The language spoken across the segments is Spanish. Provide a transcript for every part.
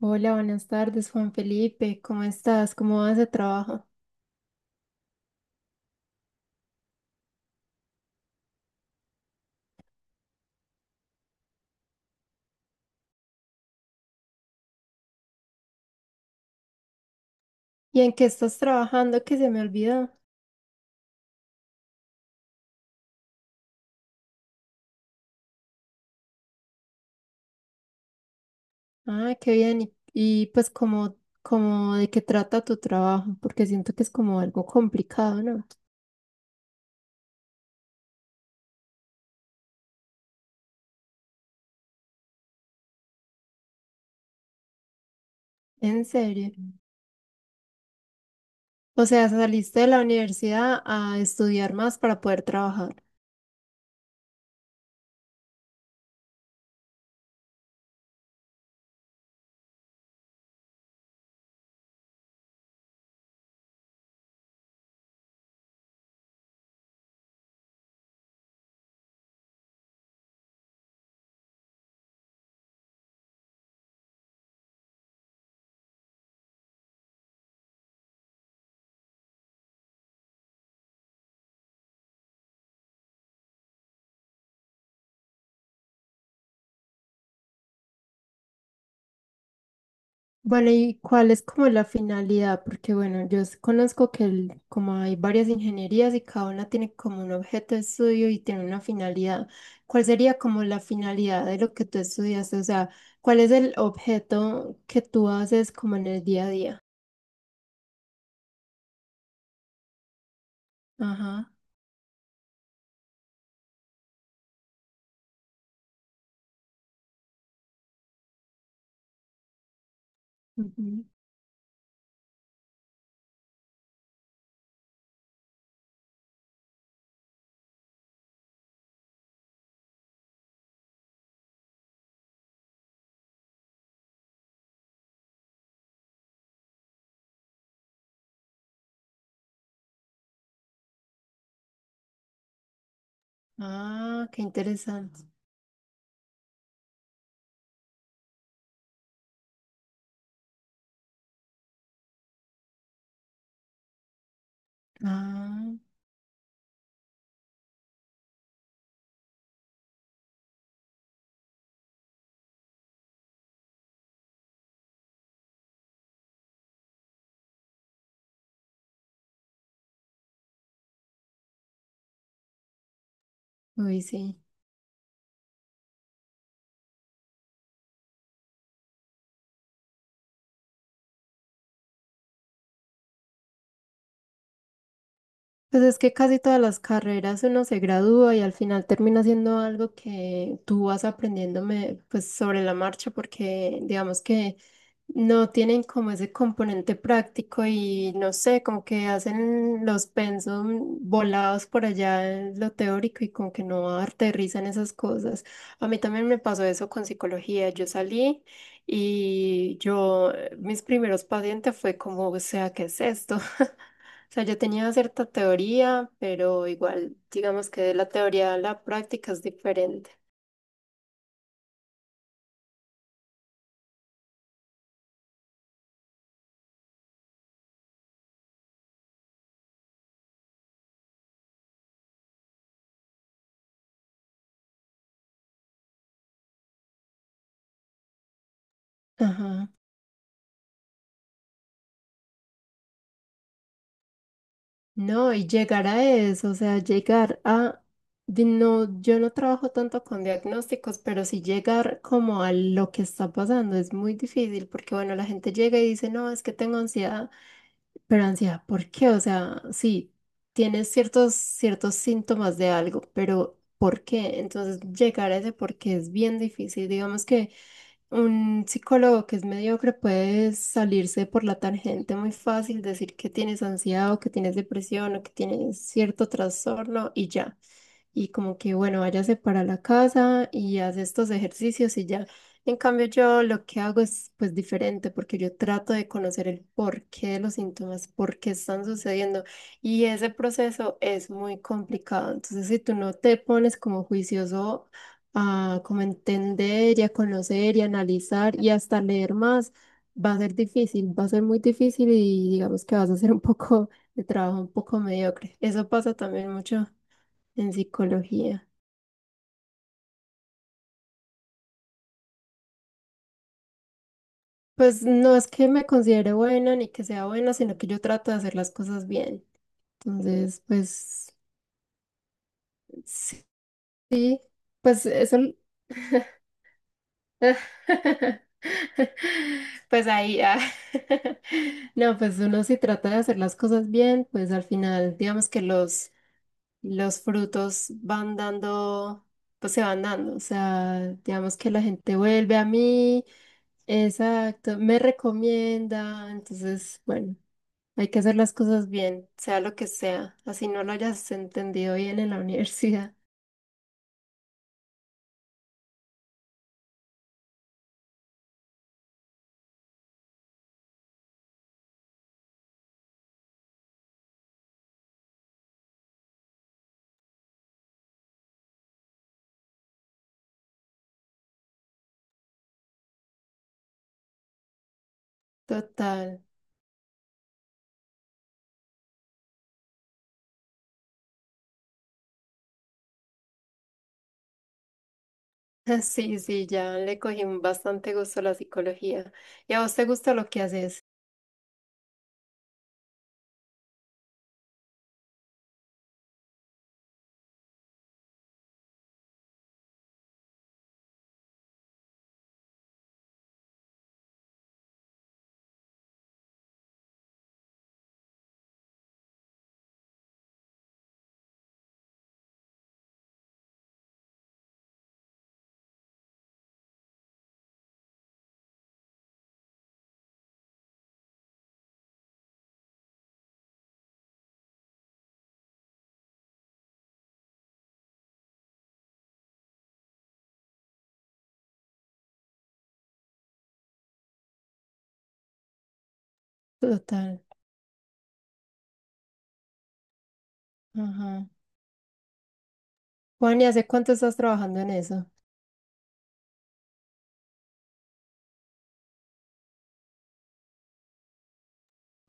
Hola, buenas tardes, Juan Felipe. ¿Cómo estás? ¿Cómo vas de trabajo? ¿Y en qué estás trabajando que se me olvidó? Ah, qué bien. Pues como, como de qué trata tu trabajo, porque siento que es como algo complicado, ¿no? En serio. O sea, saliste de la universidad a estudiar más para poder trabajar. Vale, ¿y cuál es como la finalidad? Porque bueno, conozco que como hay varias ingenierías y cada una tiene como un objeto de estudio y tiene una finalidad. ¿Cuál sería como la finalidad de lo que tú estudiaste? O sea, ¿cuál es el objeto que tú haces como en el día a día? Ajá. Ujú. Ah, qué interesante. Ah, uy, sí. Pues es que casi todas las carreras uno se gradúa y al final termina siendo algo que tú vas aprendiéndome pues sobre la marcha porque digamos que no tienen como ese componente práctico y no sé, como que hacen los pensum volados por allá en lo teórico y como que no aterrizan esas cosas. A mí también me pasó eso con psicología. Yo salí y yo, mis primeros pacientes fue como, o sea, ¿qué es esto? O sea, yo tenía cierta teoría, pero igual, digamos que de la teoría a la práctica es diferente. Ajá. No, y llegar a eso, o sea, llegar a... No, yo no trabajo tanto con diagnósticos, pero sí llegar como a lo que está pasando es muy difícil porque, bueno, la gente llega y dice, no, es que tengo ansiedad, pero ansiedad, ¿por qué? O sea, sí, tienes ciertos síntomas de algo, pero ¿por qué? Entonces, llegar a ese por qué es bien difícil. Digamos que... Un psicólogo que es mediocre puede salirse por la tangente muy fácil, decir que tienes ansiedad o que tienes depresión o que tienes cierto trastorno y ya y como que, bueno, váyase para la casa y hace estos ejercicios y ya. En cambio, yo lo que hago es pues diferente porque yo trato de conocer el porqué de los síntomas, por qué están sucediendo y ese proceso es muy complicado. Entonces, si tú no te pones como juicioso a como entender y a conocer y analizar y hasta leer más, va a ser difícil, va a ser muy difícil y digamos que vas a hacer un poco de trabajo un poco mediocre. Eso pasa también mucho en psicología. Pues no es que me considere buena ni que sea buena, sino que yo trato de hacer las cosas bien. Entonces, pues, sí, pues eso. Pues ahí, ah. No, pues uno si trata de hacer las cosas bien, pues al final, digamos que los frutos van dando, pues se van dando. O sea, digamos que la gente vuelve a mí, exacto, me recomienda. Entonces, bueno. Hay que hacer las cosas bien, sea lo que sea, así no lo hayas entendido bien en la universidad. Total. Sí, sí, ya le cogí un bastante gusto a la psicología. ¿Y a vos te gusta lo que haces? Total. Ajá. Juan, ¿y hace cuánto estás trabajando en eso?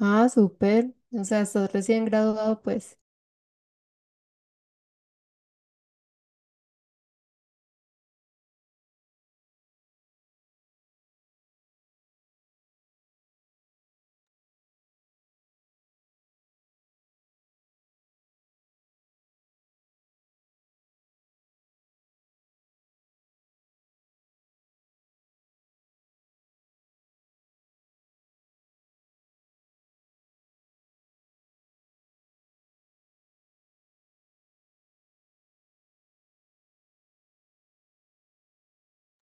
Ah, súper. O sea, estás recién graduado, pues.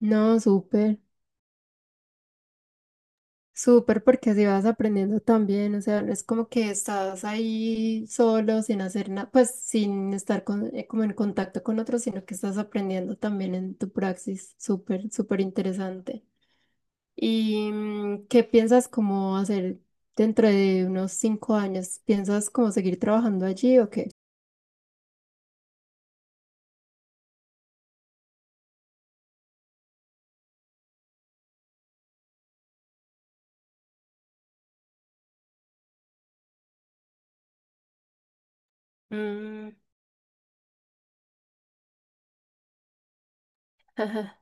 No, súper. Súper, porque así vas aprendiendo también, o sea, no es como que estás ahí solo, sin hacer nada, pues sin estar como en contacto con otros, sino que estás aprendiendo también en tu praxis, súper, súper interesante. ¿Y qué piensas como hacer dentro de unos 5 años? ¿Piensas como seguir trabajando allí o qué? Mm. Ajá.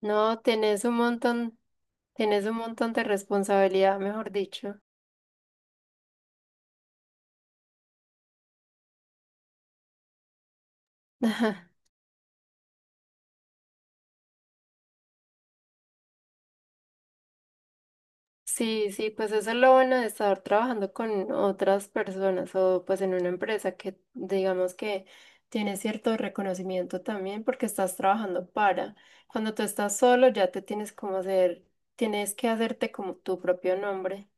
No, tenés un montón de responsabilidad, mejor dicho. Sí, sí, pues eso lo van a estar trabajando con otras personas o pues en una empresa que digamos que tiene cierto reconocimiento también porque estás trabajando para. Cuando tú estás solo ya te tienes como hacer, tienes que hacerte como tu propio nombre.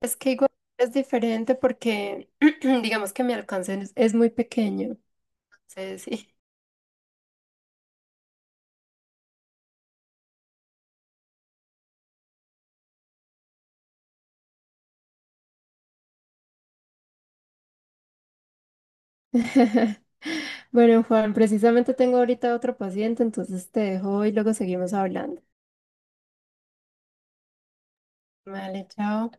Es que igual es diferente porque digamos que mi alcance es muy pequeño. Sí, sí. Bueno, Juan, precisamente tengo ahorita otro paciente, entonces te dejo y luego seguimos hablando. Vale, chao.